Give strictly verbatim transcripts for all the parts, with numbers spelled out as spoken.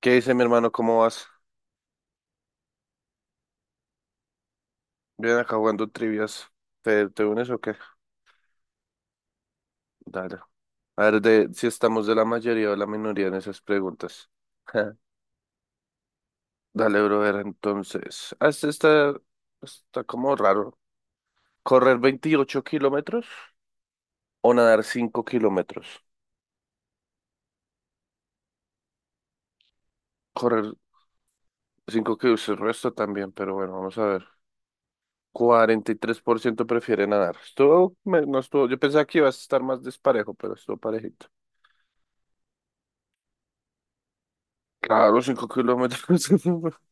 ¿Qué dice mi hermano? ¿Cómo vas? Bien acá jugando trivias. ¿Te, te unes o qué? Dale. A ver de, si estamos de la mayoría o la minoría en esas preguntas. Dale, brother, entonces. Ah, este está, está como raro. ¿Correr veintiocho kilómetros o nadar cinco kilómetros? Correr cinco kilómetros, el resto también, pero bueno, vamos a ver. Cuarenta y tres por ciento prefiere nadar. Estuvo, me- no estuvo, yo pensaba que iba a estar más desparejo, pero estuvo parejito. Claro, cinco kilómetros.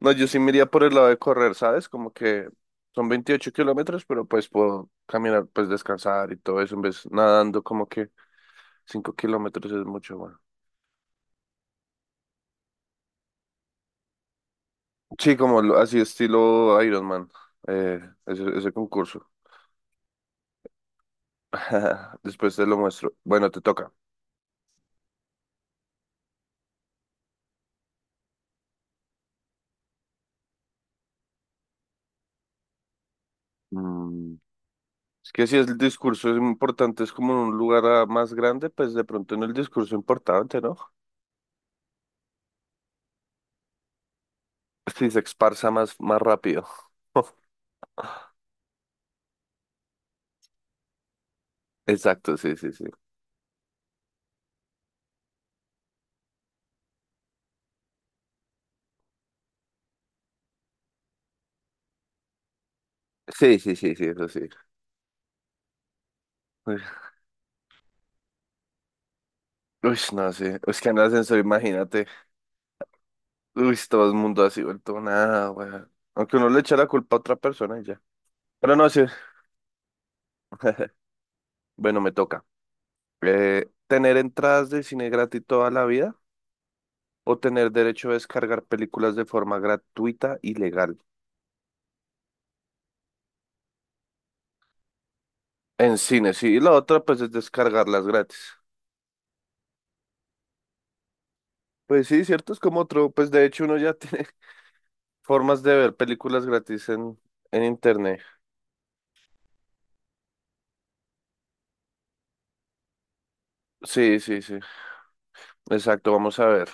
No, yo sí me iría por el lado de correr, ¿sabes? Como que son veintiocho kilómetros, pero pues puedo caminar, pues descansar y todo eso, en vez nadando como que cinco kilómetros es mucho, bueno. Sí, como lo- así estilo Ironman, eh, ese, ese concurso. Después te lo muestro. Bueno, te toca. Mm, Es que si el discurso es importante, es como en un lugar ah, más grande, pues de pronto en el discurso importante, ¿no? Si se esparza más, más rápido. Exacto, sí, sí, sí. Sí, sí, sí, sí, eso sí. Uy, uy, no sé. Es que en el ascensor, imagínate. Uy, todo el mundo así vuelto nada, weón. Aunque uno le echa la culpa a otra persona y ya. Pero no sé. Bueno, me toca. Eh, ¿tener entradas de cine gratis toda la vida o tener derecho a descargar películas de forma gratuita y legal? En cine, sí. Y la otra, pues, es descargarlas gratis. Pues sí, cierto, es como otro. Pues de hecho, uno ya tiene formas de ver películas gratis en, en internet. Sí, sí, sí. Exacto, vamos a ver.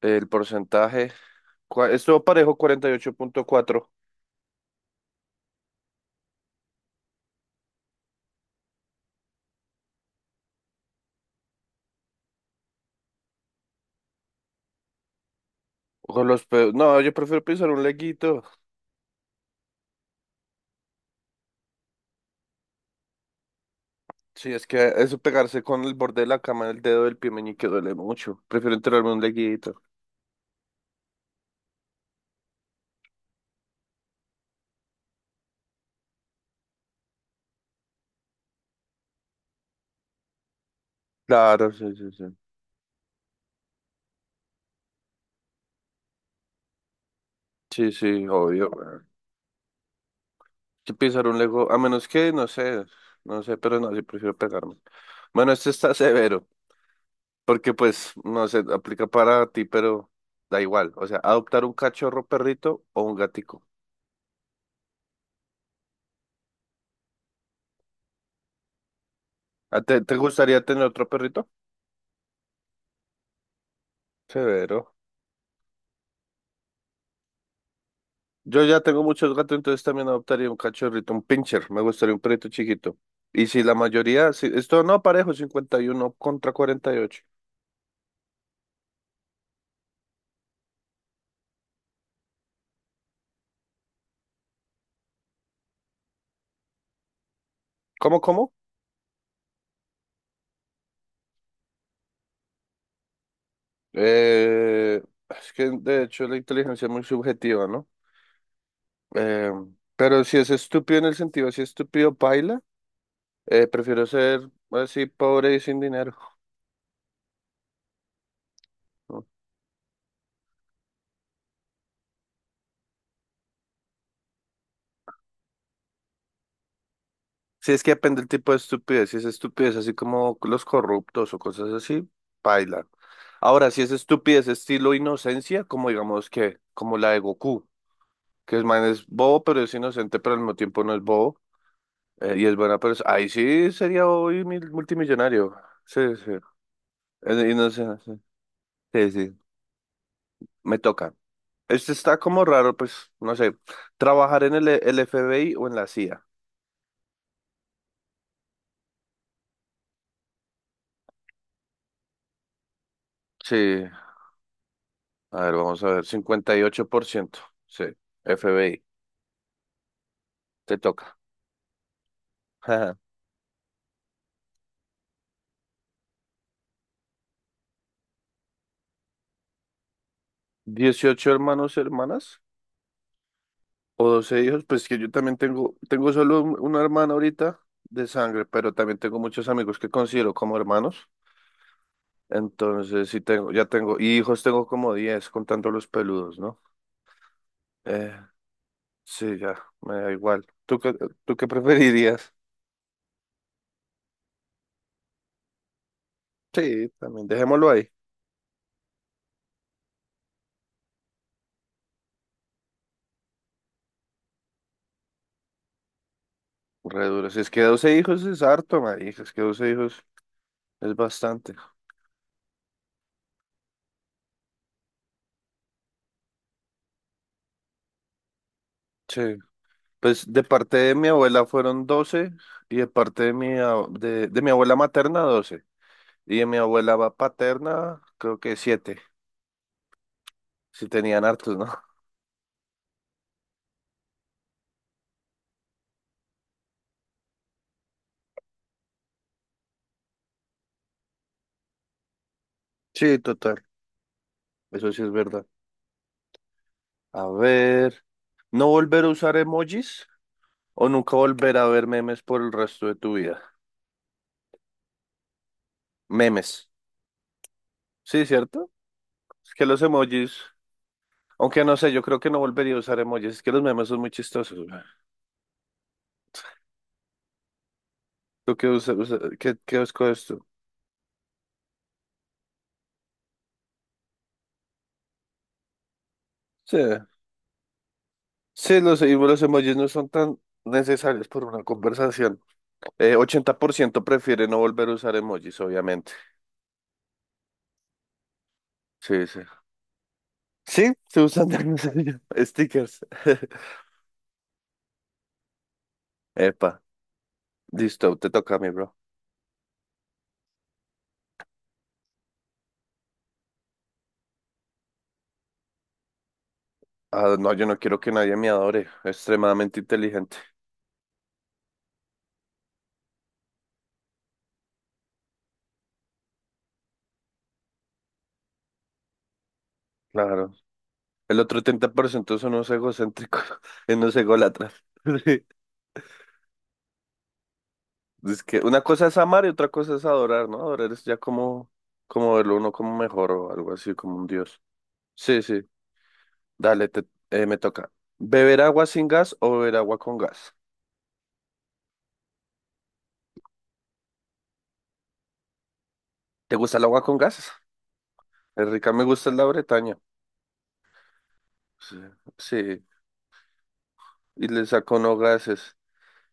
El porcentaje cua- estuvo parejo cuarenta y ocho punto cuatro. Con los pe- No, yo prefiero pisar un leguito. Sí, es que eso pegarse con el borde de la cama en el dedo del pie meñique duele mucho. Prefiero enterrarme un leguito. Claro, sí, sí, sí. Sí, sí, obvio. Weón. Que pisar un lego, a menos que, no sé, no sé, pero no, sí prefiero pegarme. Bueno, este está severo, porque pues, no sé, aplica para ti, pero da igual. O sea, adoptar un cachorro perrito o un gatico. ¿A te, te gustaría tener otro perrito? Severo. Yo ya tengo muchos gatos, entonces también adoptaría un cachorrito, un pincher. Me gustaría un perrito chiquito. Y si la mayoría, si, esto no parejo, cincuenta y uno contra cuarenta y ocho. ¿Cómo, cómo? Eh, es que de hecho la inteligencia es muy subjetiva, ¿no? Eh, pero si es estúpido en el sentido, si es estúpido, paila, eh, prefiero ser así pobre y sin dinero. Si es que depende del tipo de estupidez, si es estupidez así como los corruptos o cosas así, paila. Ahora, si es estupidez estilo inocencia, como digamos que, como la de Goku, que es man es bobo, pero es inocente, pero al mismo tiempo no es bobo, eh, y es buena persona, ahí sí sería hoy mil- multimillonario. Sí, sí. Es inocente, sí. Sí, sí. Me toca. Este está como raro, pues, no sé. Trabajar en el, el F B I o en la C I A. Sí. A ver, vamos a ver. Cincuenta y ocho por ciento. Sí. F B I. Te toca. Dieciocho hermanos, hermanas o doce hijos. Pues que yo también tengo, tengo solo un- una hermana ahorita de sangre, pero también tengo muchos amigos que considero como hermanos. Entonces, sí tengo, ya tengo, y hijos tengo como diez contando los peludos, ¿no? Eh, sí, ya, me da igual. ¿Tú qué, tú qué preferirías? Sí, también dejémoslo ahí. Re duro. Si es que doce hijos es harto, marica. Es que doce hijos es bastante. Sí. Pues de parte de mi abuela fueron doce y de parte de mi, a- de, de mi abuela materna doce y de mi abuela va- paterna creo que siete. Si tenían hartos, ¿no? Sí, total, eso sí es verdad. A ver, ¿no volver a usar emojis o nunca volver a ver memes por el resto de tu vida? Memes, sí, ¿cierto? Es que los emojis, aunque no sé, yo creo que no volvería a usar emojis, es que los memes son muy chistosos. Güey. ¿Tú qué usas? ¿Qué, qué escoges tú? Sí. Sí, los, y los emojis no son tan necesarios por una conversación. Eh, ochenta por ciento prefiere no volver a usar emojis, obviamente. Sí, sí. Sí, se usan de stickers. Epa, listo, te toca a mí, bro. Ah, no, yo no quiero que nadie me adore. Extremadamente inteligente. Claro. El otro treinta por ciento son unos egocéntricos, unos ególatras. Sí. Es que una cosa es amar y otra cosa es adorar, ¿no? Adorar es ya como, como verlo uno como mejor o algo así, como un dios. Sí, sí. Dale, te- eh, me toca. ¿Beber agua sin gas o beber agua con gas? ¿Te gusta el agua con gas? Es rica, me gusta la Bretaña. Sí, sí, y le saco no gases.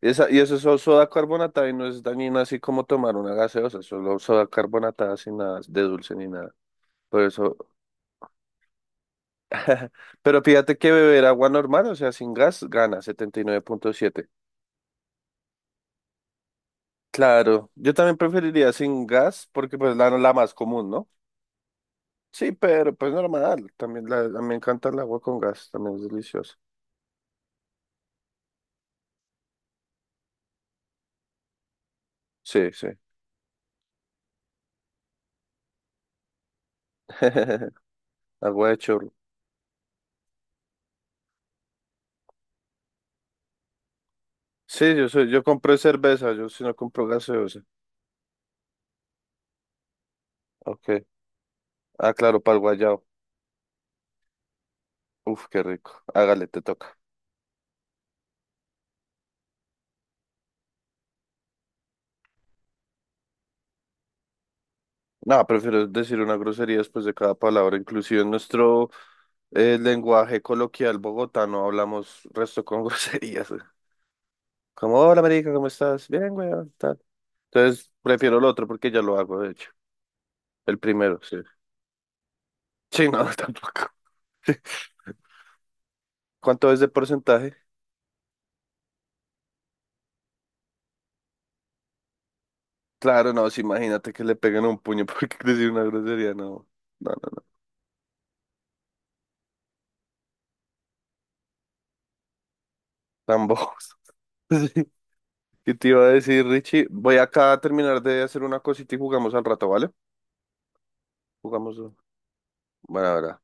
Esa, y eso es so- soda carbonatada y no es dañina así como tomar una gaseosa, solo soda carbonatada sin nada de dulce ni nada. Por eso, pero fíjate que beber agua normal, o sea, sin gas, gana setenta y nueve punto siete. Claro, yo también preferiría sin gas porque pues la, la más común, ¿no? Sí, pero pues normal. También la, a mí me encanta el agua con gas, también es deliciosa. Sí, sí. Agua de chorro. Sí, yo soy, yo compré cerveza, yo si no compro gaseosa. Ok. Ah, claro, para el guayao. Uf, qué rico. Hágale, te toca. No, prefiero decir una grosería después de cada palabra. Inclusive en nuestro eh, lenguaje coloquial bogotano hablamos resto con groserías. Güey. Como, hola, marica, ¿cómo estás? Bien, güey, tal. Entonces, prefiero el otro porque ya lo hago, de hecho. El primero, sí. Sí, no, tampoco. ¿Cuánto es de porcentaje? Claro, no, sí, imagínate que le peguen un puño porque decir una grosería, no, no, no, no, tan bobos. Sí. ¿Qué te iba a decir, Richie? Voy acá a terminar de hacer una cosita y jugamos al rato, ¿vale? Jugamos. Bueno, ahora.